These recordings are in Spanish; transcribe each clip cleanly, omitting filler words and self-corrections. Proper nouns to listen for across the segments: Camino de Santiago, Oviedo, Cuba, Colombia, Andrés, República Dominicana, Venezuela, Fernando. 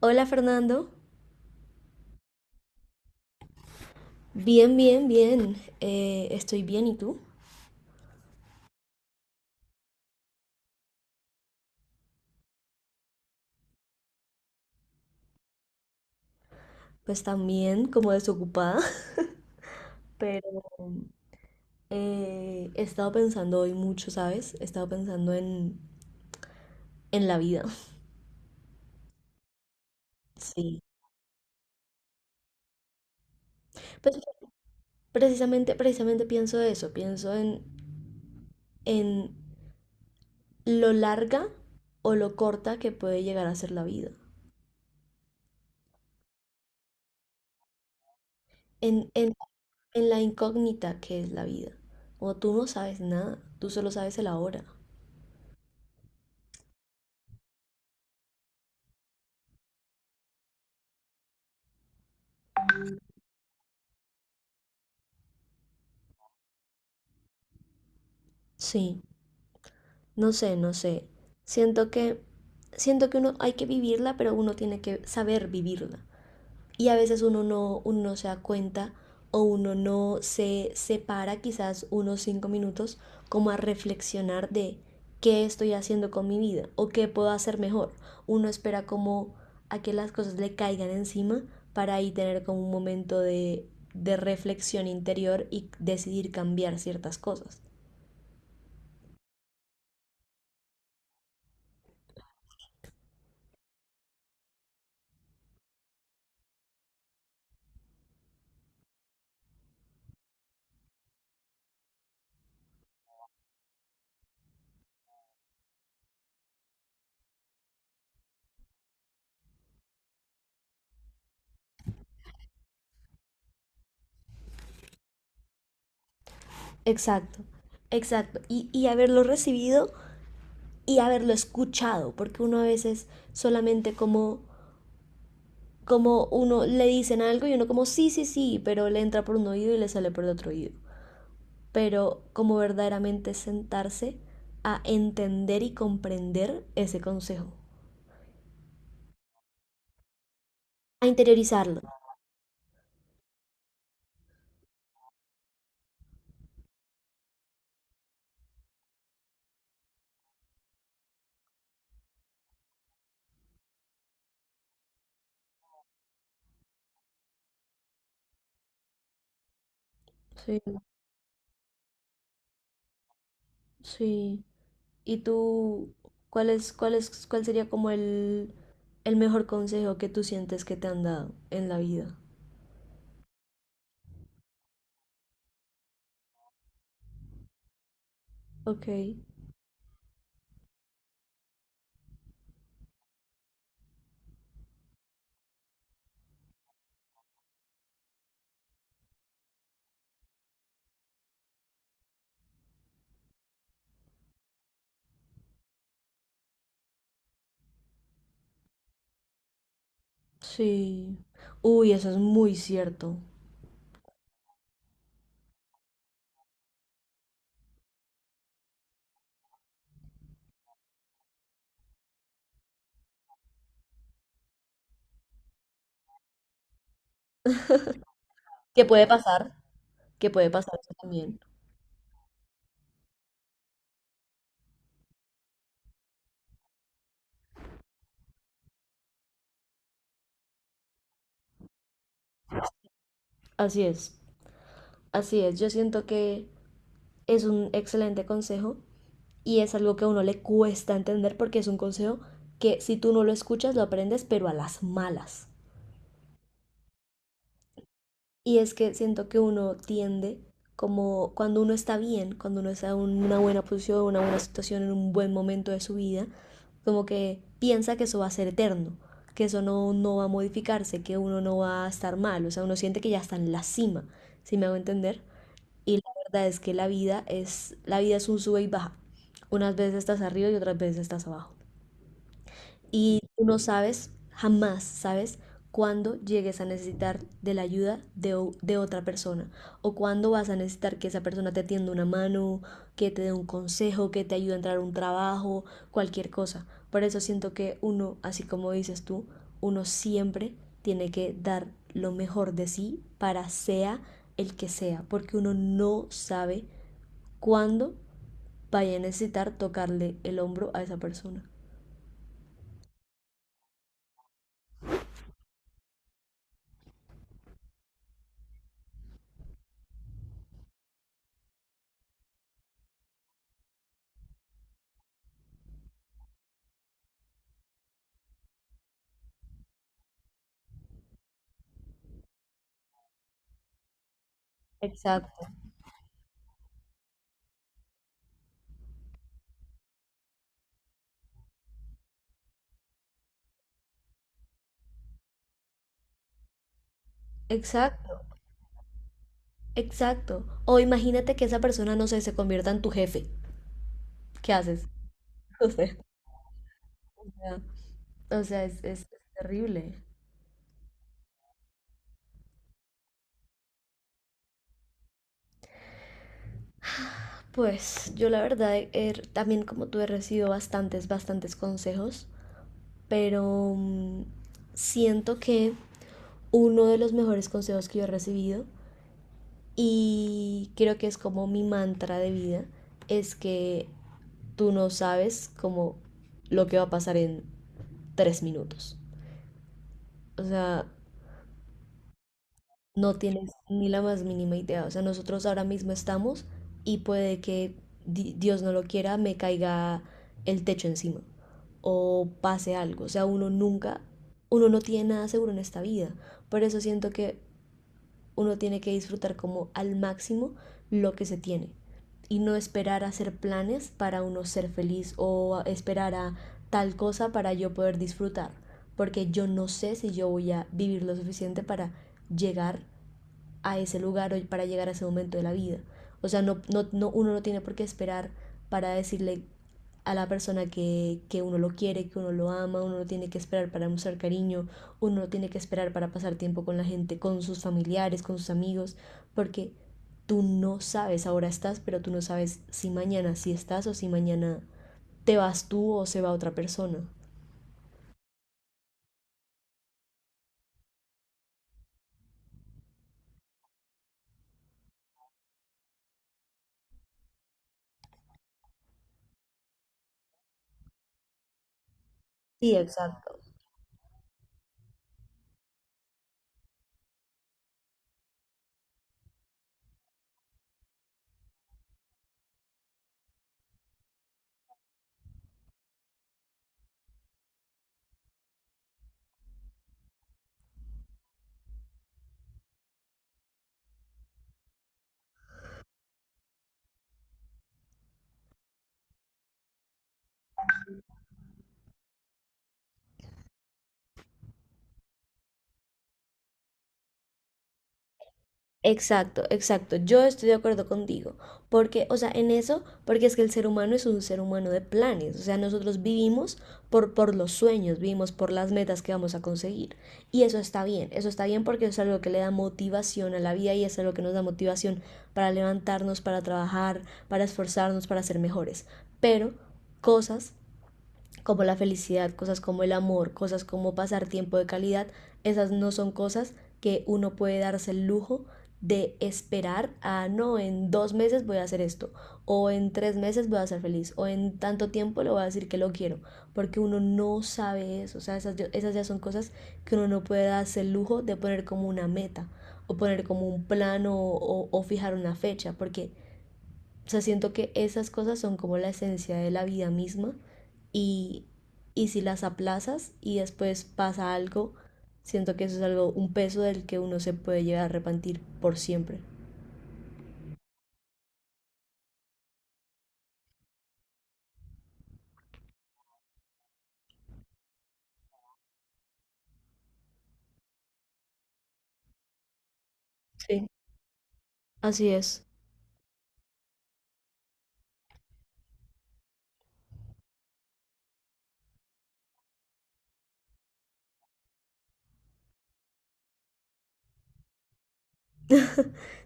Hola Fernando, bien, bien, bien. Estoy bien, ¿y tú? Pues también como desocupada, pero he estado pensando hoy mucho, ¿sabes? He estado pensando en la vida. Sí. Pues precisamente, precisamente pienso eso, pienso en lo larga o lo corta que puede llegar a ser la vida, en, en, en la incógnita que es la vida. O tú no sabes nada, tú solo sabes el ahora. Sí. No sé, no sé. Siento que, siento que uno hay que vivirla, pero uno tiene que saber vivirla. Y a veces uno no se da cuenta o uno no se separa quizás unos 5 minutos como a reflexionar de qué estoy haciendo con mi vida o qué puedo hacer mejor. Uno espera como a que las cosas le caigan encima para ahí tener como un momento de reflexión interior y decidir cambiar ciertas cosas. Exacto, exacto. Y haberlo recibido y haberlo escuchado, porque uno a veces solamente como, como uno le dicen algo y uno como sí, sí, sí, pero le entra por un oído y le sale por el otro oído. Pero como verdaderamente sentarse a entender y comprender ese consejo, a interiorizarlo. Sí, sí. ¿Y tú cuál es, cuál es, cuál sería como el mejor consejo que tú sientes que te han dado en la vida? Ok, sí. Uy, eso es muy cierto. Que puede pasar, que puede pasar eso también. Así es, así es. Yo siento que es un excelente consejo y es algo que a uno le cuesta entender porque es un consejo que si tú no lo escuchas lo aprendes, pero a las malas. Y es que siento que uno tiende, como cuando uno está bien, cuando uno está en una buena posición, una buena situación, en un buen momento de su vida, como que piensa que eso va a ser eterno, que eso no, no va a modificarse, que uno no va a estar mal, o sea, uno siente que ya está en la cima, si me hago entender. Y la verdad es que la vida es un sube y baja. Unas veces estás arriba y otras veces estás abajo. Y tú no sabes, jamás sabes, cuándo llegues a necesitar de la ayuda de, de otra persona o cuándo vas a necesitar que esa persona te tienda una mano, que te dé un consejo, que te ayude a entrar a un trabajo, cualquier cosa. Por eso siento que uno, así como dices tú, uno siempre tiene que dar lo mejor de sí para sea el que sea, porque uno no sabe cuándo vaya a necesitar tocarle el hombro a esa persona. Exacto. Exacto, exacto. O imagínate que esa persona, no sé, se convierta en tu jefe. ¿Qué haces? O sea, o sea, es terrible. Pues yo la verdad también como tú he recibido bastantes, bastantes consejos, pero siento que uno de los mejores consejos que yo he recibido y creo que es como mi mantra de vida es que tú no sabes como lo que va a pasar en 3 minutos. O sea, no tienes ni la más mínima idea. O sea, nosotros ahora mismo estamos y puede que Dios no lo quiera, me caiga el techo encima o pase algo. O sea, uno nunca, uno no tiene nada seguro en esta vida. Por eso siento que uno tiene que disfrutar como al máximo lo que se tiene y no esperar a hacer planes para uno ser feliz o esperar a tal cosa para yo poder disfrutar. Porque yo no sé si yo voy a vivir lo suficiente para llegar a ese lugar o para llegar a ese momento de la vida. O sea, no, no, no, uno no tiene por qué esperar para decirle a la persona que uno lo quiere, que uno lo ama, uno no tiene que esperar para mostrar cariño, uno no tiene que esperar para pasar tiempo con la gente, con sus familiares, con sus amigos, porque tú no sabes, ahora estás, pero tú no sabes si mañana sí estás o si mañana te vas tú o se va otra persona. Sí, exacto. Exacto, exacto. Yo estoy de acuerdo contigo. Porque, o sea, en eso, porque es que el ser humano es un ser humano de planes. O sea, nosotros vivimos por los sueños, vivimos por las metas que vamos a conseguir. Y eso está bien porque es algo que le da motivación a la vida y es algo que nos da motivación para levantarnos, para trabajar, para esforzarnos, para ser mejores. Pero cosas como la felicidad, cosas como el amor, cosas como pasar tiempo de calidad, esas no son cosas que uno puede darse el lujo de esperar a no, en 2 meses voy a hacer esto, o en 3 meses voy a ser feliz, o en tanto tiempo le voy a decir que lo quiero, porque uno no sabe eso, o sea, esas, esas ya son cosas que uno no puede darse el lujo de poner como una meta, o poner como un plan o fijar una fecha, porque o sea, siento que esas cosas son como la esencia de la vida misma y, y si las aplazas y después pasa algo, siento que eso es algo, un peso del que uno se puede llegar a arrepentir por siempre. Sí, así es.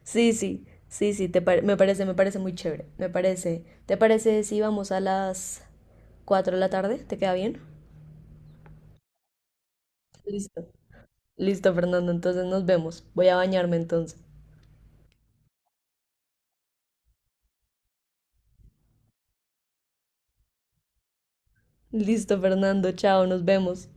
Sí, sí, sí, sí, me parece muy chévere, me parece. ¿Te parece si vamos a las 4 de la tarde? ¿Te queda bien? Listo. Listo, Fernando, entonces nos vemos. Voy a bañarme entonces. Listo, Fernando, chao, nos vemos.